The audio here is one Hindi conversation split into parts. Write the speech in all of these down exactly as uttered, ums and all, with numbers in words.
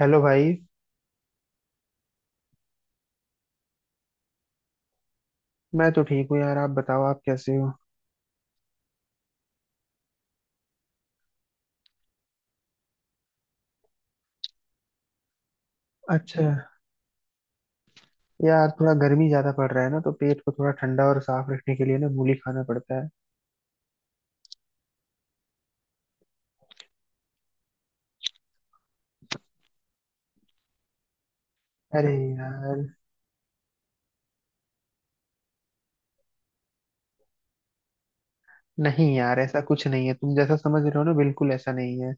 हेलो भाई। मैं तो ठीक हूँ यार, आप बताओ आप कैसे हो? अच्छा। यार थोड़ा गर्मी ज्यादा पड़ रहा है ना, तो पेट को थोड़ा ठंडा और साफ रखने के लिए ना मूली खाना पड़ता है। अरे यार। नहीं यार, ऐसा कुछ नहीं है, तुम जैसा समझ रहे हो ना बिल्कुल ऐसा नहीं है।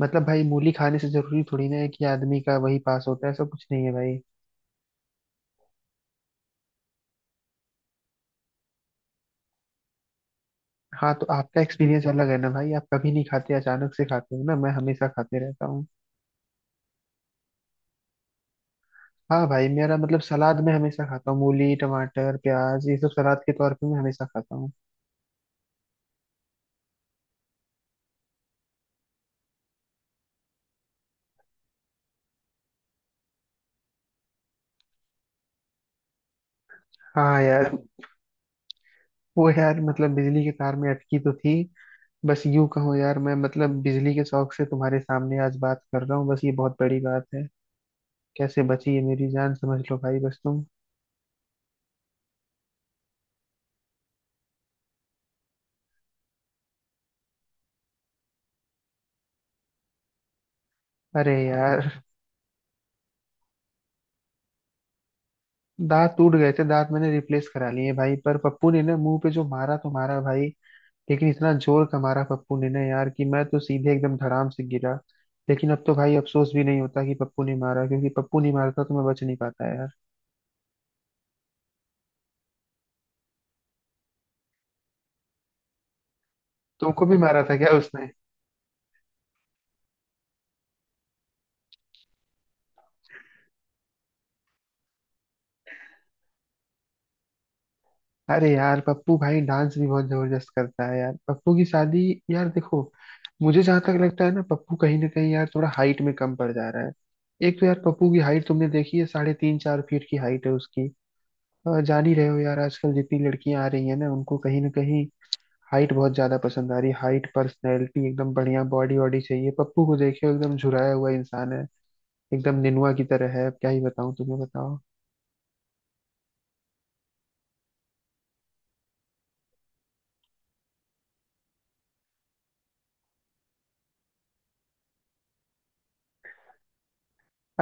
मतलब भाई मूली खाने से जरूरी थोड़ी ना है कि आदमी का वही पास होता है, ऐसा कुछ नहीं है भाई। हाँ तो आपका एक्सपीरियंस अलग है ना भाई, आप कभी नहीं खाते, अचानक से खाते हो ना, मैं हमेशा खाते रहता हूँ। हाँ भाई, मेरा मतलब सलाद में हमेशा खाता हूँ, मूली टमाटर प्याज ये सब सलाद के तौर पे मैं हमेशा खाता हूँ। हाँ यार। वो यार मतलब बिजली के तार में अटकी तो थी। बस यूं कहो यार, मैं मतलब बिजली के शौक से तुम्हारे सामने आज बात कर रहा हूँ, बस ये बहुत बड़ी बात है। कैसे बची है मेरी जान समझ लो भाई, बस तुम। अरे यार। दांत टूट गए थे, दांत मैंने रिप्लेस करा लिए भाई, पर पप्पू ने ना मुंह पे जो मारा तो मारा भाई। लेकिन इतना जोर का मारा पप्पू ने ना यार, कि मैं तो सीधे एकदम धड़ाम से गिरा। लेकिन अब तो भाई अफसोस भी नहीं होता कि पप्पू ने मारा, क्योंकि पप्पू नहीं मारता तो मैं बच नहीं पाता यार। तुमको भी मारा था क्या उसने? अरे यार पप्पू भाई डांस भी बहुत जबरदस्त करता है यार, पप्पू की शादी। यार देखो, मुझे जहां तक लगता है ना, पप्पू कहीं ना कहीं यार थोड़ा हाइट में कम पड़ जा रहा है। एक तो यार पप्पू की हाइट तुमने देखी है, साढ़े तीन चार फीट की हाइट है उसकी। अ, जान ही रहे हो यार, आजकल जितनी लड़कियां आ रही है ना, उनको कहीं ना कहीं हाइट बहुत ज्यादा पसंद आ रही है, हाइट पर्सनैलिटी एकदम बढ़िया बॉडी वॉडी चाहिए। पप्पू को देखे हो, एकदम झुराया हुआ इंसान है, एकदम निनुआ की तरह है। अब क्या ही बताऊं तुम्हें बताओ।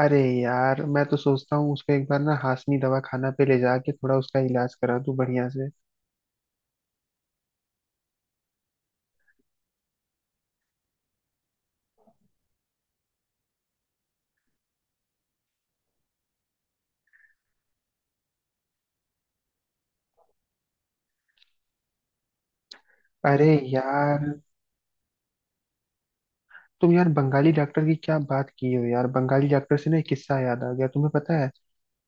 अरे यार मैं तो सोचता हूँ उसको एक बार ना हाशमी दवा खाना पे ले जाके थोड़ा उसका इलाज करा दूँ बढ़िया से। अरे यार। तुम यार बंगाली डॉक्टर की क्या बात की हो यार, बंगाली डॉक्टर से ना एक किस्सा याद आ गया, तुम्हें पता है?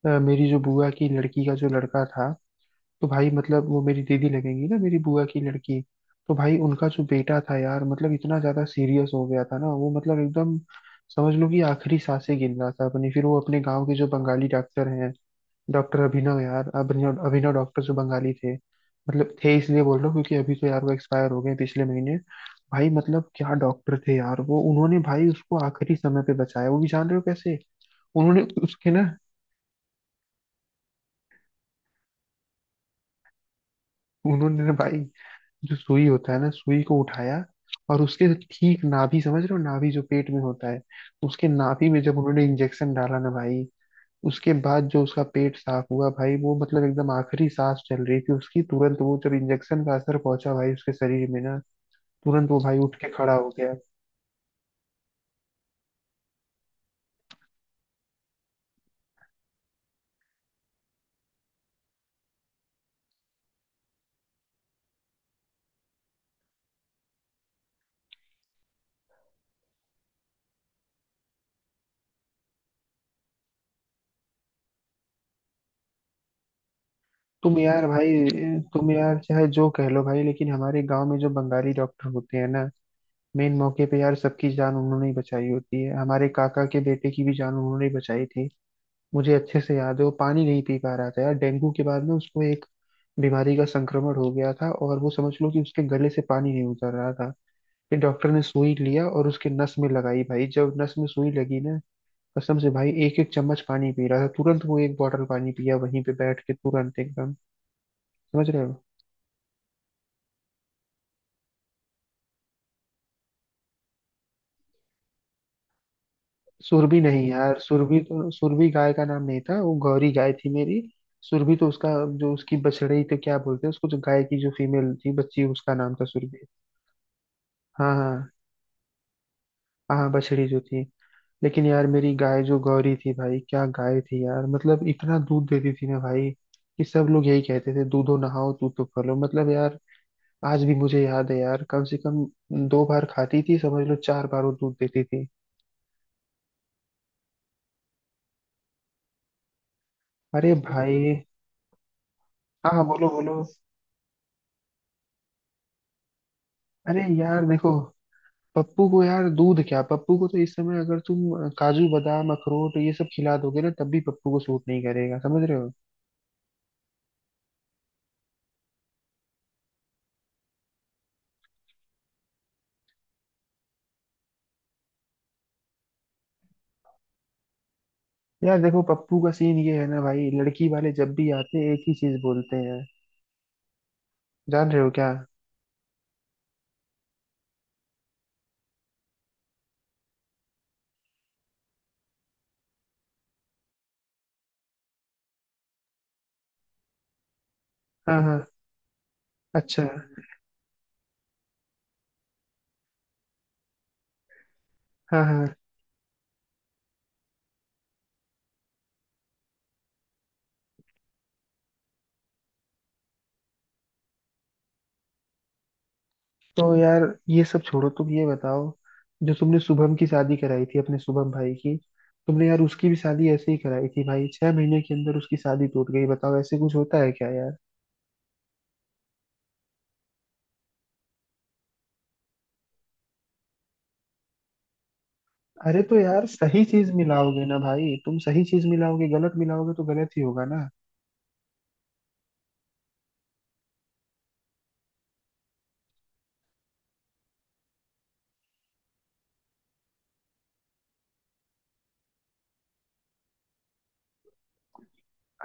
अ, मेरी जो बुआ की लड़की का जो लड़का था, तो भाई मतलब वो मेरी दीदी लगेंगी ना मेरी बुआ की लड़की। तो भाई उनका जो बेटा था यार, मतलब इतना ज्यादा सीरियस हो गया था ना वो, मतलब एकदम समझ लो कि आखिरी सांसें गिन रहा था अपनी। फिर वो अपने गाँव के जो बंगाली डॉक्टर हैं, डॉक्टर अभिनव, यार अभिनव अभिनव डॉक्टर जो बंगाली थे, मतलब थे इसलिए बोल रहा हूँ क्योंकि अभी तो यार वो एक्सपायर हो गए पिछले महीने। भाई मतलब क्या डॉक्टर थे यार वो, उन्होंने भाई उसको आखिरी समय पे बचाया, वो भी जान रहे हो कैसे? उन्होंने उसके ना, उन्होंने ना भाई जो सुई होता है ना, सुई को उठाया और उसके ठीक नाभि, समझ रहे हो नाभि जो पेट में होता है, उसके नाभि में जब उन्होंने इंजेक्शन डाला ना भाई, उसके बाद जो उसका पेट साफ हुआ भाई, वो मतलब एकदम आखिरी सांस चल रही थी उसकी, तुरंत वो जब इंजेक्शन का असर पहुंचा भाई उसके शरीर में ना, तुरंत वो भाई उठ के खड़ा हो गया। तुम यार भाई, तुम यार चाहे जो कह लो भाई, लेकिन हमारे गांव में जो बंगाली डॉक्टर होते हैं ना, मेन मौके पे यार सबकी जान उन्होंने ही बचाई होती है। हमारे काका के बेटे की भी जान उन्होंने ही बचाई थी, मुझे अच्छे से याद है। वो पानी नहीं पी पा रहा था यार, डेंगू के बाद ना उसको एक बीमारी का संक्रमण हो गया था, और वो समझ लो कि उसके गले से पानी नहीं उतर रहा था। फिर डॉक्टर ने सुई लिया और उसके नस में लगाई भाई, जब नस में सुई लगी ना, कसम से भाई एक एक चम्मच पानी पी रहा था, तुरंत वो एक बॉटल पानी पिया वहीं पे बैठ के तुरंत एकदम। समझ रहे हो। सुरभि नहीं यार, सुरभि तो, सुरभि गाय का नाम नहीं था, वो गौरी गाय थी मेरी। सुरभि तो उसका जो उसकी बछड़ी, तो क्या बोलते हैं उसको, जो गाय की जो फीमेल थी बच्ची, उसका नाम था सुरभि। हाँ हाँ। हाँ बछड़ी जो थी। लेकिन यार मेरी गाय जो गौरी थी भाई, क्या गाय थी यार, मतलब इतना दूध देती थी ना भाई, कि सब लोग यही कहते थे दूधो नहाओ दूध तो फलो, मतलब यार आज भी मुझे याद है यार, कम से कम दो बार खाती थी समझ लो, चार बार वो दूध देती थी। अरे भाई। हाँ हाँ बोलो बोलो। अरे यार देखो, पप्पू को यार दूध क्या, पप्पू को तो इस समय अगर तुम काजू बादाम अखरोट ये सब खिला दोगे ना तब भी पप्पू को सूट नहीं करेगा, समझ रहे हो? यार देखो पप्पू का सीन ये है ना भाई, लड़की वाले जब भी आते हैं एक ही चीज बोलते हैं, जान रहे हो क्या? हाँ हाँ। अच्छा। हाँ हाँ। तो यार ये सब छोड़ो, तुम ये बताओ, जो तुमने शुभम की शादी कराई थी अपने शुभम भाई की, तुमने यार उसकी भी शादी ऐसे ही कराई थी भाई, छह महीने के अंदर उसकी शादी टूट गई, बताओ ऐसे कुछ होता है क्या यार? अरे तो यार सही चीज मिलाओगे ना भाई, तुम सही चीज मिलाओगे गलत मिलाओगे तो गलत ही होगा ना।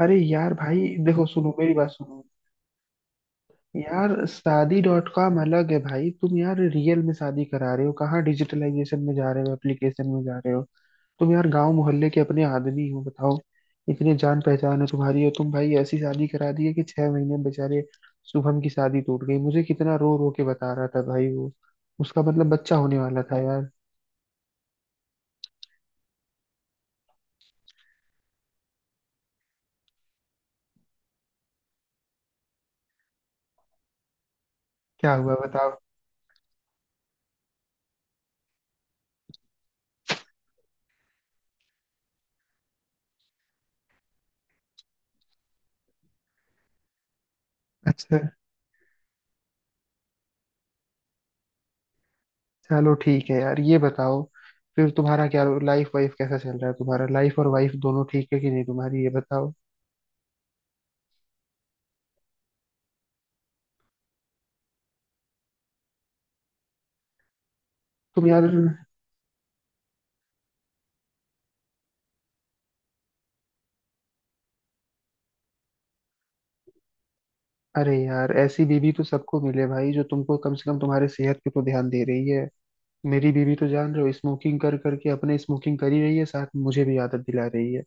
अरे यार भाई। देखो सुनो मेरी बात सुनो, यार शादी डॉट कॉम अलग है भाई, तुम यार रियल में शादी करा रहे हो, कहाँ डिजिटलाइजेशन में जा रहे हो एप्लीकेशन में जा रहे हो। तुम यार गांव मोहल्ले के अपने आदमी हो, बताओ इतने जान पहचान है तुम्हारी, और तुम भाई ऐसी शादी करा दी है कि छह महीने में बेचारे शुभम की शादी टूट गई, मुझे कितना रो रो के बता रहा था भाई वो, उसका मतलब बच्चा होने वाला था यार। क्या हुआ बताओ। अच्छा, चलो ठीक है यार। ये बताओ फिर तुम्हारा क्या लाइफ वाइफ कैसा चल रहा है, तुम्हारा लाइफ और वाइफ दोनों ठीक है कि नहीं, तुम्हारी ये बताओ। तुम यार। अरे यार ऐसी बीवी तो सबको मिले भाई, जो तुमको कम से कम तुम्हारे सेहत पे तो ध्यान दे रही है। मेरी बीवी तो जान रहे हो स्मोकिंग कर करके अपने स्मोकिंग करी रही है, साथ में मुझे भी आदत दिला रही है।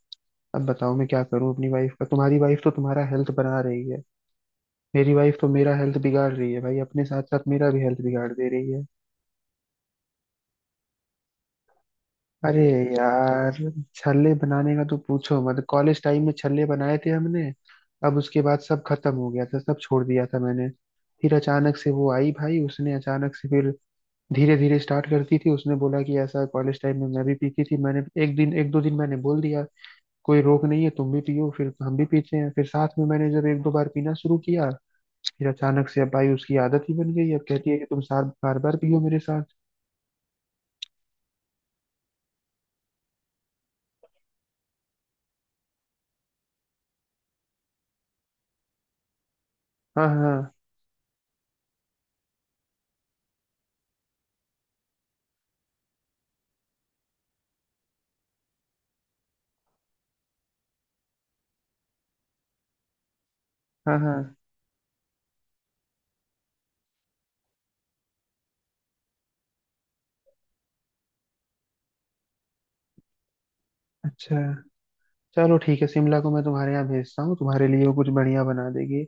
अब बताओ मैं क्या करूं अपनी वाइफ का, तुम्हारी वाइफ तो तुम्हारा हेल्थ बना रही है, मेरी वाइफ तो मेरा हेल्थ बिगाड़ रही है भाई, अपने साथ साथ मेरा भी हेल्थ बिगाड़ दे रही है। अरे यार। छल्ले बनाने का तो पूछो मत, कॉलेज टाइम में छल्ले बनाए थे हमने, अब उसके बाद सब खत्म हो गया था, सब छोड़ दिया था मैंने। फिर अचानक से वो आई भाई, उसने अचानक से फिर धीरे धीरे स्टार्ट करती थी, उसने बोला कि ऐसा कॉलेज टाइम में मैं भी पीती थी, मैंने एक दिन एक दो दिन मैंने बोल दिया कोई रोक नहीं है, तुम भी पियो फिर हम भी पीते हैं, फिर साथ में मैंने जब एक दो बार पीना शुरू किया, फिर अचानक से अब भाई उसकी आदत ही बन गई, अब कहती है कि तुम साथ बार बार पियो मेरे साथ। हाँ हाँ। हाँ हाँ। अच्छा, चलो ठीक है, शिमला को मैं तुम्हारे यहाँ भेजता हूँ, तुम्हारे लिए वो कुछ बढ़िया बना देगी।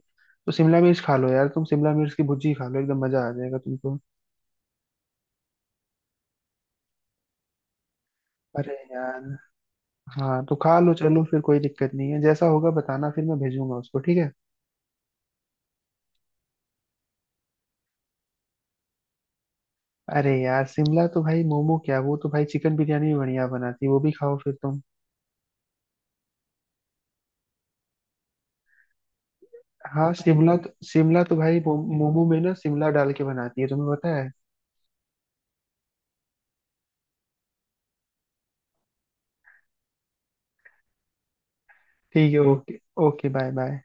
तो शिमला मिर्च खा लो यार, तुम शिमला मिर्च की भुर्जी खा लो, एकदम मजा आ जाएगा तुमको। अरे यार। हाँ तो खा लो चलो, फिर कोई दिक्कत नहीं है, जैसा होगा बताना, फिर मैं भेजूंगा उसको, ठीक है। अरे यार शिमला तो भाई मोमो क्या, वो तो भाई चिकन बिरयानी भी बढ़िया बनाती है, वो भी खाओ फिर तुम। हाँ शिमला तो, शिमला तो भाई मो- मोमो में ना शिमला डाल के बनाती है, तुम्हें पता है। ठीक है ओके। Okay bye bye.